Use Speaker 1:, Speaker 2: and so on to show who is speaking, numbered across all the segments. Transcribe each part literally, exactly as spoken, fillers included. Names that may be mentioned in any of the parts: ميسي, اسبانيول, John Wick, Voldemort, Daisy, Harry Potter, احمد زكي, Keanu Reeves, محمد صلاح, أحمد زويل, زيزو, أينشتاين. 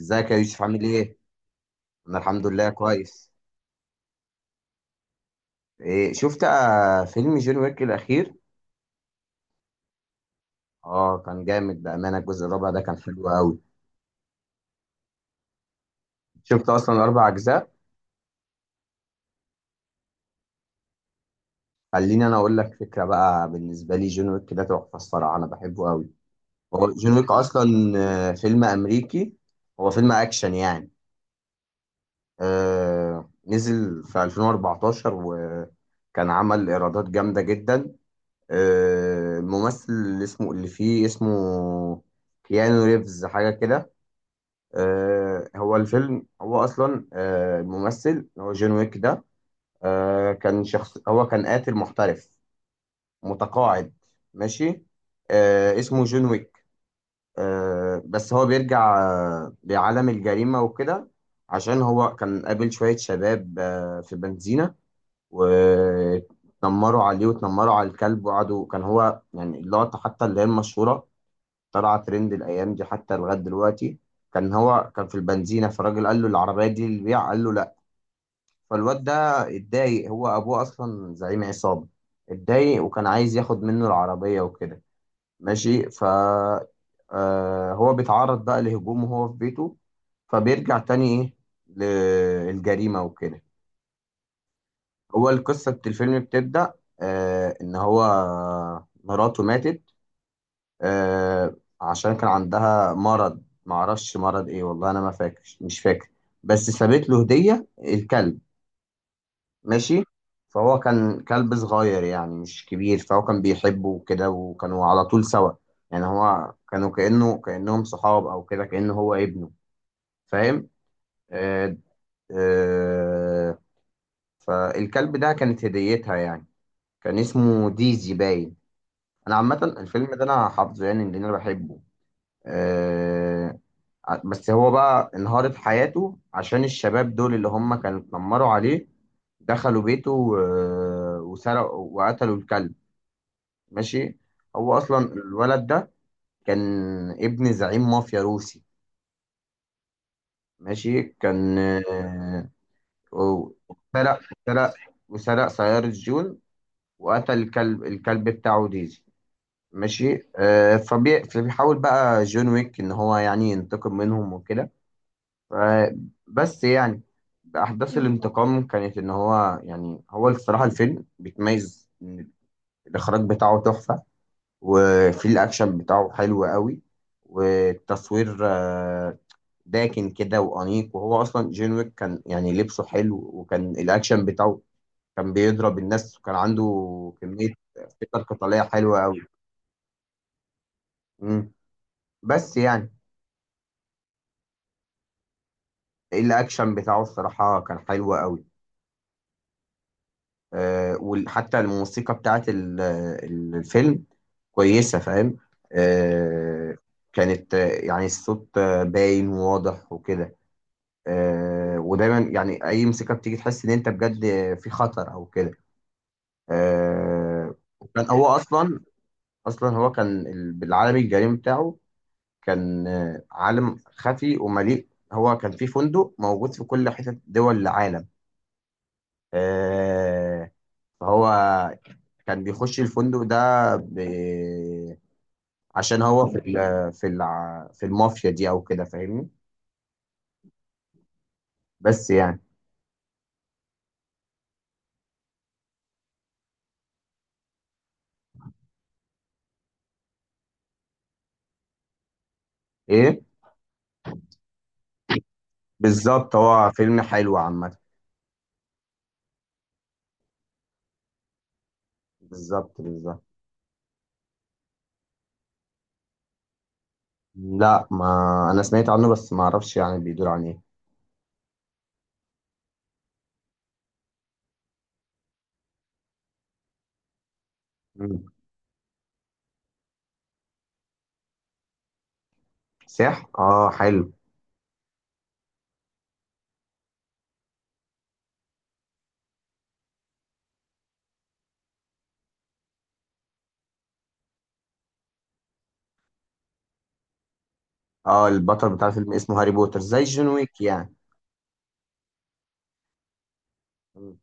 Speaker 1: ازيك يا يوسف، عامل ايه؟ انا الحمد لله كويس. إيه شفت آه، فيلم جون ويك الاخير؟ اه كان جامد بامانه، الجزء الرابع ده كان حلو قوي. شفت اصلا اربع اجزاء. خليني انا اقول لك فكره بقى، بالنسبه لي جون ويك ده تحفه الصراحه، انا بحبه قوي. هو جون ويك اصلا آه، فيلم امريكي، هو فيلم اكشن يعني. آه نزل في ألفين وأربعتاشر، وكان عمل ايرادات جامده جدا. آه، الممثل اللي اسمه اللي فيه اسمه كيانو ريفز حاجة كده. آه، هو الفيلم هو أصلا آه، الممثل اللي هو جون ويك ده آه، كان شخص، هو كان قاتل محترف متقاعد. ماشي آه، اسمه جون ويك. آه، بس هو بيرجع آه، لعالم الجريمة وكده، عشان هو كان قابل شوية شباب آه، في بنزينة. واتنمروا عليه، واتنمروا على الكلب، وقعدوا كان هو يعني اللقطة حتى اللي هي المشهورة، طلع ترند الايام دي حتى لغايه دلوقتي. كان هو كان في البنزينه، فالراجل قال له العربيه دي للبيع، قال له لا. فالواد ده اتضايق، هو ابوه اصلا زعيم عصابه، اتضايق وكان عايز ياخد منه العربيه وكده. ماشي ف آه، هو بيتعرض بقى لهجوم وهو في بيته، فبيرجع تاني ايه للجريمه وكده. هو القصه بت- الفيلم بتبدا آه، ان هو مراته ماتت. آه، عشان كان عندها مرض، معرفش مرض ايه والله، انا ما فاكر، مش فاكر. بس سابت له هدية، الكلب. ماشي. فهو كان كلب صغير يعني مش كبير، فهو كان بيحبه وكده، وكانوا على طول سوا. يعني هو كانوا كأنه كأنهم صحاب او كده، كأنه هو ابنه. فاهم. آه. آه. فالكلب ده كانت هديتها يعني، كان اسمه ديزي باين. انا عامة الفيلم ده انا حافظه يعني لان انا بحبه. آه، ع- بس هو بقى انهار في حياته عشان الشباب دول اللي هم كانوا اتنمروا عليه، دخلوا بيته و- وسرقوا وقتلوا الكلب. ماشي. هو اصلا الولد ده كان ابن زعيم مافيا روسي. ماشي، كان آه، و- سرق سرق وسرق سيارة جون، وقتل الكلب الكلب بتاعه ديزي. ماشي آه، فبي- فبيحاول بقى جون ويك ان هو يعني ينتقم منهم وكده. آه، بس يعني أحداث الانتقام كانت إن هو يعني، هو الصراحة الفيلم بيتميز إن الإخراج بتاعه تحفة، وفي الأكشن بتاعه حلو قوي، والتصوير آه، داكن كده وأنيق. وهو أصلا جون ويك كان يعني لبسه حلو، وكان الأكشن بتاعه كان بيضرب الناس، وكان عنده كمية فكر قتالية حلوة قوي. مم. بس يعني الأكشن بتاعه الصراحة كان حلو قوي. آه، وحتى الموسيقى بتاعت ال- ال- الفيلم كويسة، فاهم. آه، كانت آه، يعني الصوت آه، باين وواضح وكده. آه، ودايما يعني أي موسيقى بتيجي تحس إن أنت بجد في خطر أو كده. آه، وكان هو أصلا، أصلا هو كان ال- بالعالم الجريم بتاعه، كان آه، عالم خفي ومليء، هو كان في فندق موجود في كل حتة دول العالم. آه، فهو كان بيخش الفندق ده ب... عشان هو في ال... في الع... في المافيا دي او كده، فاهمني. بس يعني ايه. بالظبط، هو فيلم حلو عامة. بالظبط بالظبط. لا، ما انا سمعت عنه بس ما اعرفش يعني بيدور عن ايه. مم. صح، اه حلو. اه، البطل بتاع الفيلم اسمه هاري بوتر زي جون ويك يعني. مم.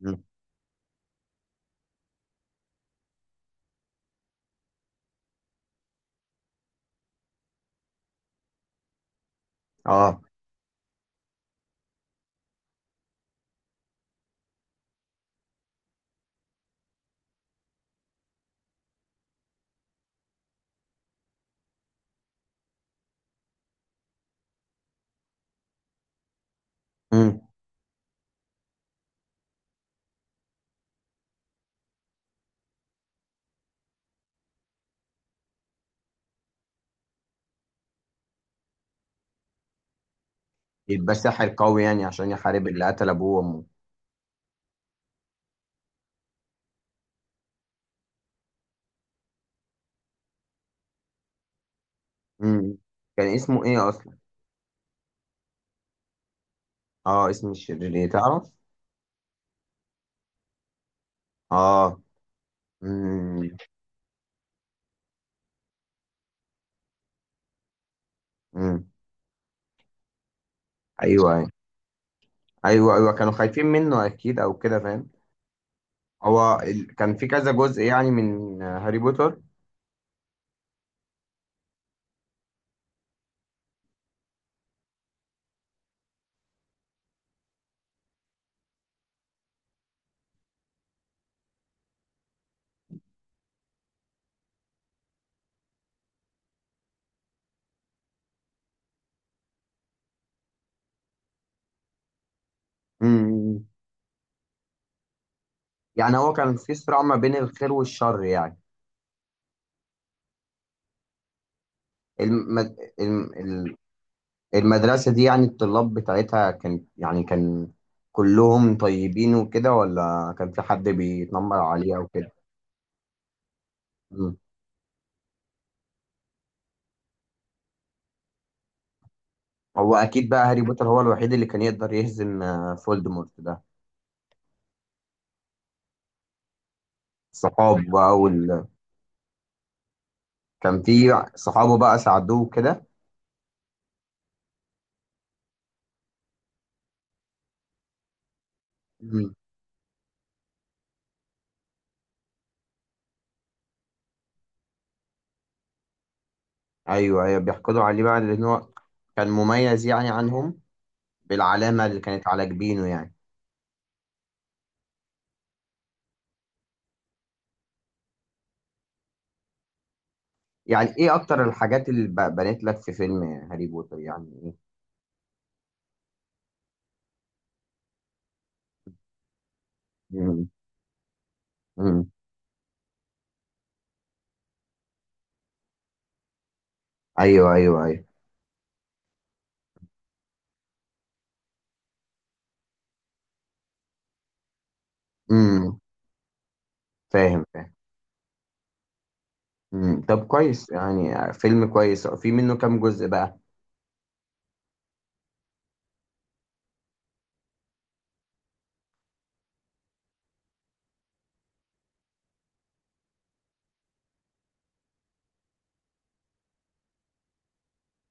Speaker 1: مم. اه. مم. يبقى ساحر قوي يعني عشان يحارب اللي قتل ابوه وامه. مم. كان اسمه ايه اصلا؟ اه، اسم الشرير ايه تعرف؟ اه. امم. امم. ايوه ايوه، ايوه ايوه كانوا خايفين منه اكيد او كده، فاهم. هو ال... كان في كذا جزء يعني من هاري بوتر؟ امم. يعني هو كان في صراع ما بين الخير والشر يعني. المد... الم... ال- المدرسة دي يعني الطلاب بتاعتها، كان يعني كان كلهم طيبين وكده، ولا كان في حد بيتنمر عليه او كده؟ امم. هو اكيد بقى هاري بوتر هو الوحيد اللي كان يقدر يهزم آه، فولدمورت ده. الصحاب بقى وال... كان في صحابه بقى ساعدوه كده. مم. ايوه ايوه، بيحقدوا عليه بقى لان هو كان مميز يعني عنهم، بالعلامه اللي كانت على جبينه يعني. يعني ايه اكتر الحاجات اللي ب- بنت لك في فيلم هاري بوتر يعني ايه؟ مم. مم. ايوه ايوه ايوه. مم. فاهم فاهم. مم. طب كويس يعني، فيلم كويس. في منه كام جزء بقى؟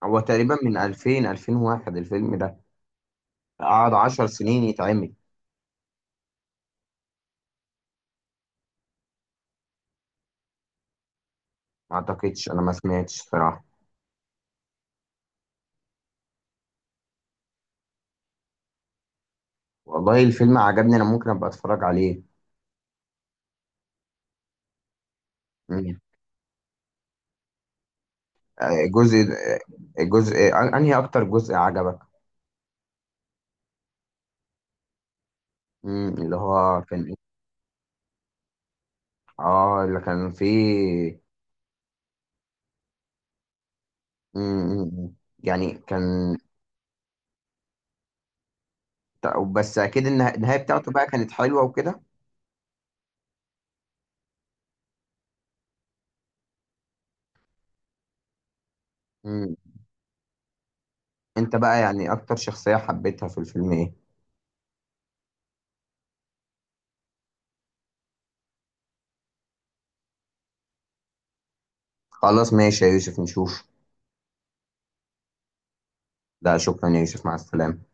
Speaker 1: هو تقريبا من ألفين ألفين وواحد الفيلم ده، قعد 10 سنين يتعمل. ما اعتقدش، انا ما سمعتش صراحه. والله الفيلم عجبني، انا ممكن ابقى اتفرج عليه. مم. آه، جزء آه، جزء آه، انهي اكتر جزء عجبك؟ مم، اللي هو كان إيه؟ اه، اللي كان فيه. مم، مم، مم. يعني كان، ط- بس اكيد النها- النهاية بتاعته بقى كانت حلوة وكده. مم. انت بقى يعني اكتر شخصية حبيتها في الفيلم ايه؟ خلاص ماشي يا يوسف، نشوف. لا شكرا يا يوسف، مع السلامة.